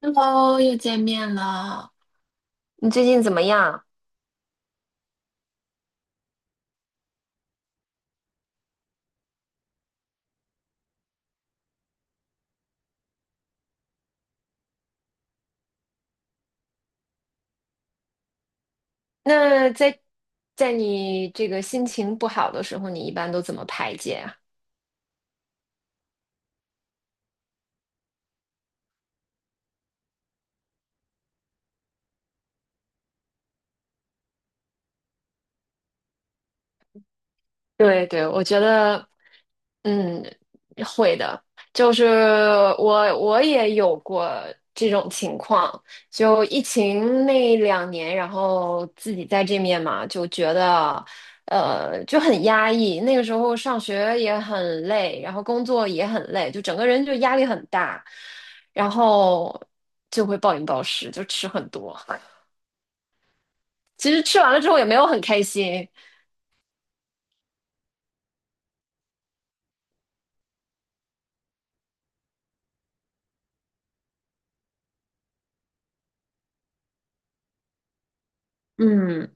Hello，又见面了。你最近怎么样？那在你这个心情不好的时候，你一般都怎么排解啊？对对，我觉得，嗯，会的。就是我我也有过这种情况，就疫情那两年，然后自己在这面嘛，就觉得，就很压抑。那个时候上学也很累，然后工作也很累，就整个人就压力很大，然后就会暴饮暴食，就吃很多。其实吃完了之后也没有很开心。嗯，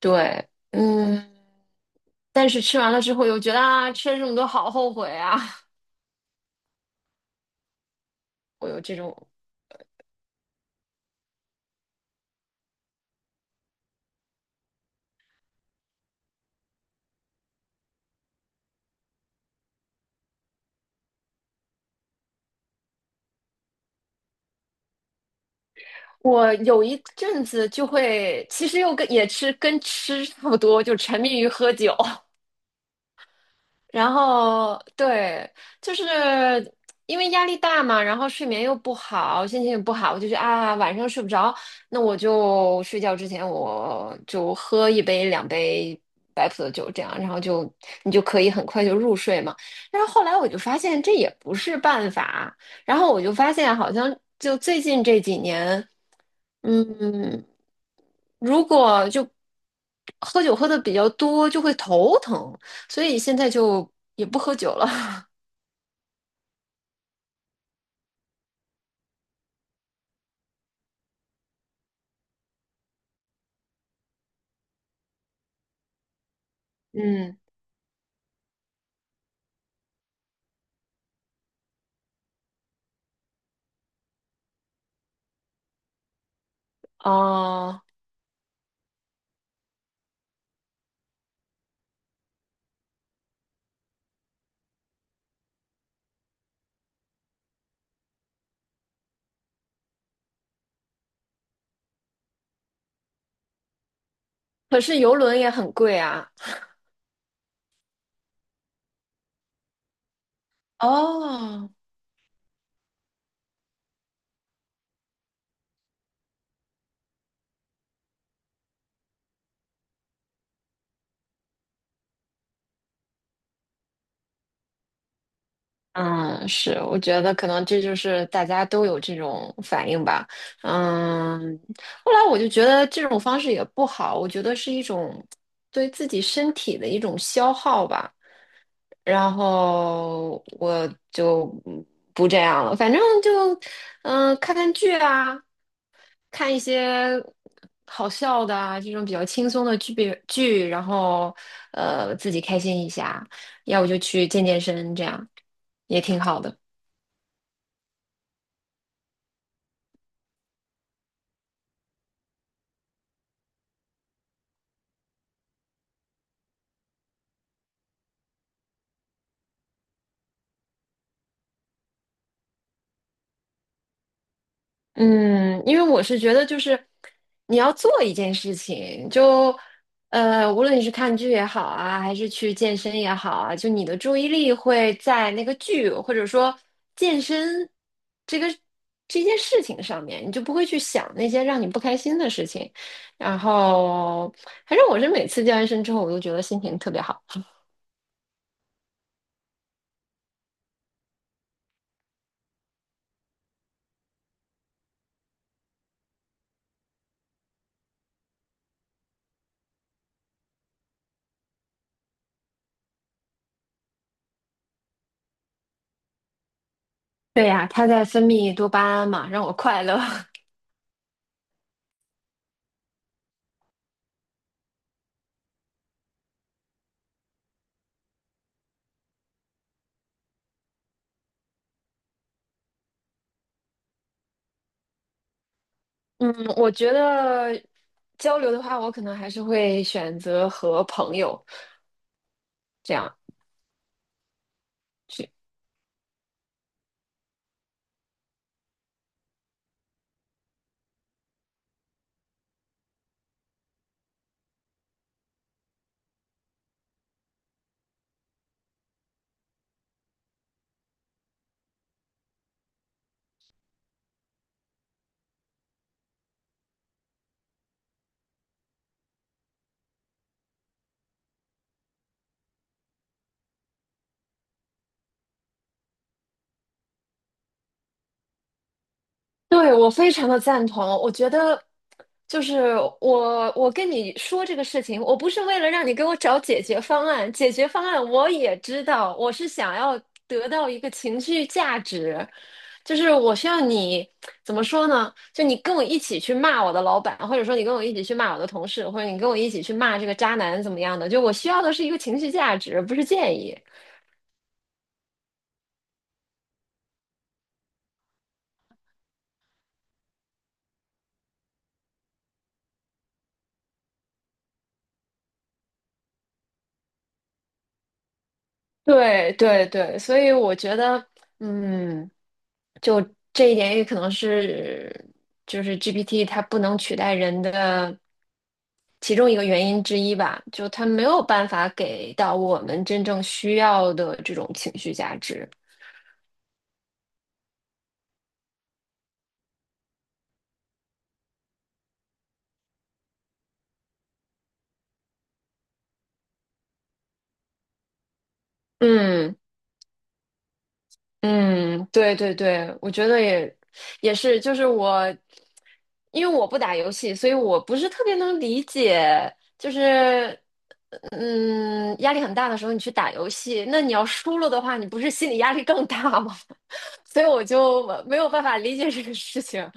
对。嗯，但是吃完了之后又觉得啊，吃了这么多好后悔啊，我有这种。我有一阵子就会，其实又跟也吃跟吃差不多，就沉迷于喝酒。然后对，就是因为压力大嘛，然后睡眠又不好，心情也不好，我就觉得啊，晚上睡不着，那我就睡觉之前我就喝一杯两杯白葡萄酒，这样，然后就你就可以很快就入睡嘛。但是后来我就发现这也不是办法，然后我就发现好像就最近这几年，嗯，如果就喝酒喝的比较多，就会头疼。所以现在就也不喝酒了。嗯，哦，可是游轮也很贵啊。哦，嗯，是，我觉得可能这就是大家都有这种反应吧。嗯，后来我就觉得这种方式也不好，我觉得是一种对自己身体的一种消耗吧。然后我就不这样了，反正就看看剧啊，看一些好笑的啊，这种比较轻松的剧，然后自己开心一下，要不就去健身，这样也挺好的。嗯，因为我是觉得，就是你要做一件事情，就无论你是看剧也好啊，还是去健身也好啊，就你的注意力会在那个剧或者说健身这个这件事情上面，你就不会去想那些让你不开心的事情。然后，反正我是每次健完身之后，我都觉得心情特别好。对呀，它在分泌多巴胺嘛，让我快乐。嗯，我觉得交流的话，我可能还是会选择和朋友这样。去。对，我非常的赞同。我觉得，就是我跟你说这个事情，我不是为了让你给我找解决方案，解决方案我也知道，我是想要得到一个情绪价值，就是我需要你怎么说呢？就你跟我一起去骂我的老板，或者说你跟我一起去骂我的同事，或者你跟我一起去骂这个渣男怎么样的？就我需要的是一个情绪价值，不是建议。对对对，所以我觉得。嗯，就这一点也可能是，就是 GPT 它不能取代人的其中一个原因之一吧，就它没有办法给到我们真正需要的这种情绪价值。嗯，嗯，对对对，我觉得也是，就是我，因为我不打游戏，所以我不是特别能理解，就是，压力很大的时候你去打游戏，那你要输了的话，你不是心理压力更大吗？所以我就没有办法理解这个事情。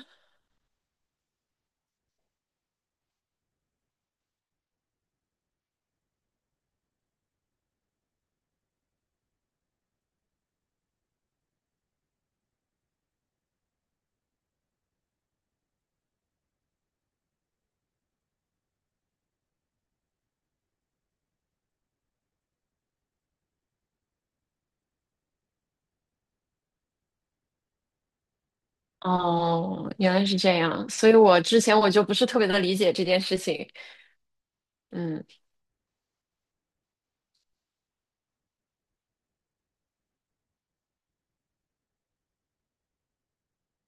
哦，原来是这样，所以我之前我就不是特别的理解这件事情。嗯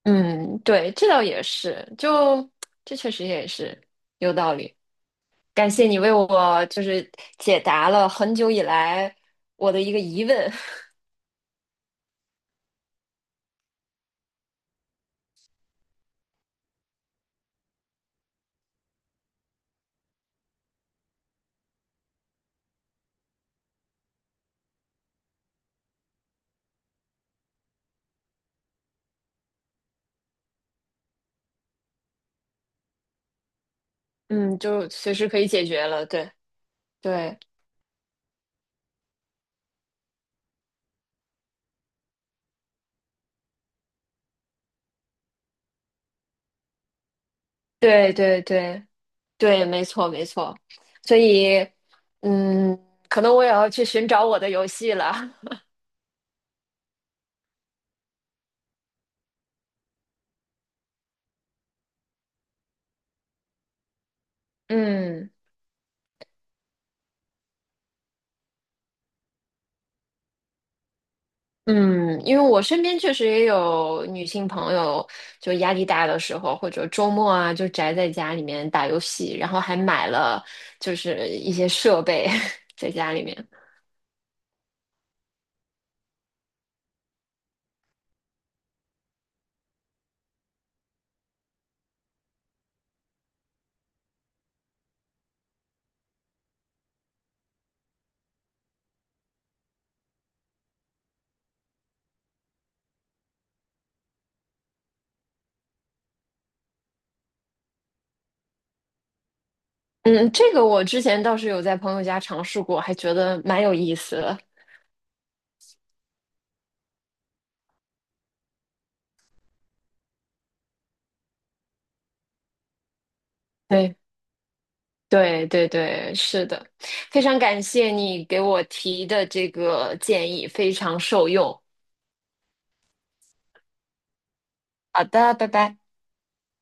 嗯，对，这倒也是，就这确实也是有道理。感谢你为我就是解答了很久以来我的一个疑问，嗯，就随时可以解决了。对，对，对，对，对，对，没错，没错。所以，嗯，可能我也要去寻找我的游戏了。嗯嗯，因为我身边确实也有女性朋友，就压力大的时候，或者周末啊，就宅在家里面打游戏，然后还买了就是一些设备 在家里面。嗯，这个我之前倒是有在朋友家尝试过，还觉得蛮有意思的。对，对，对，对，是的，非常感谢你给我提的这个建议，非常受用。好的，拜拜。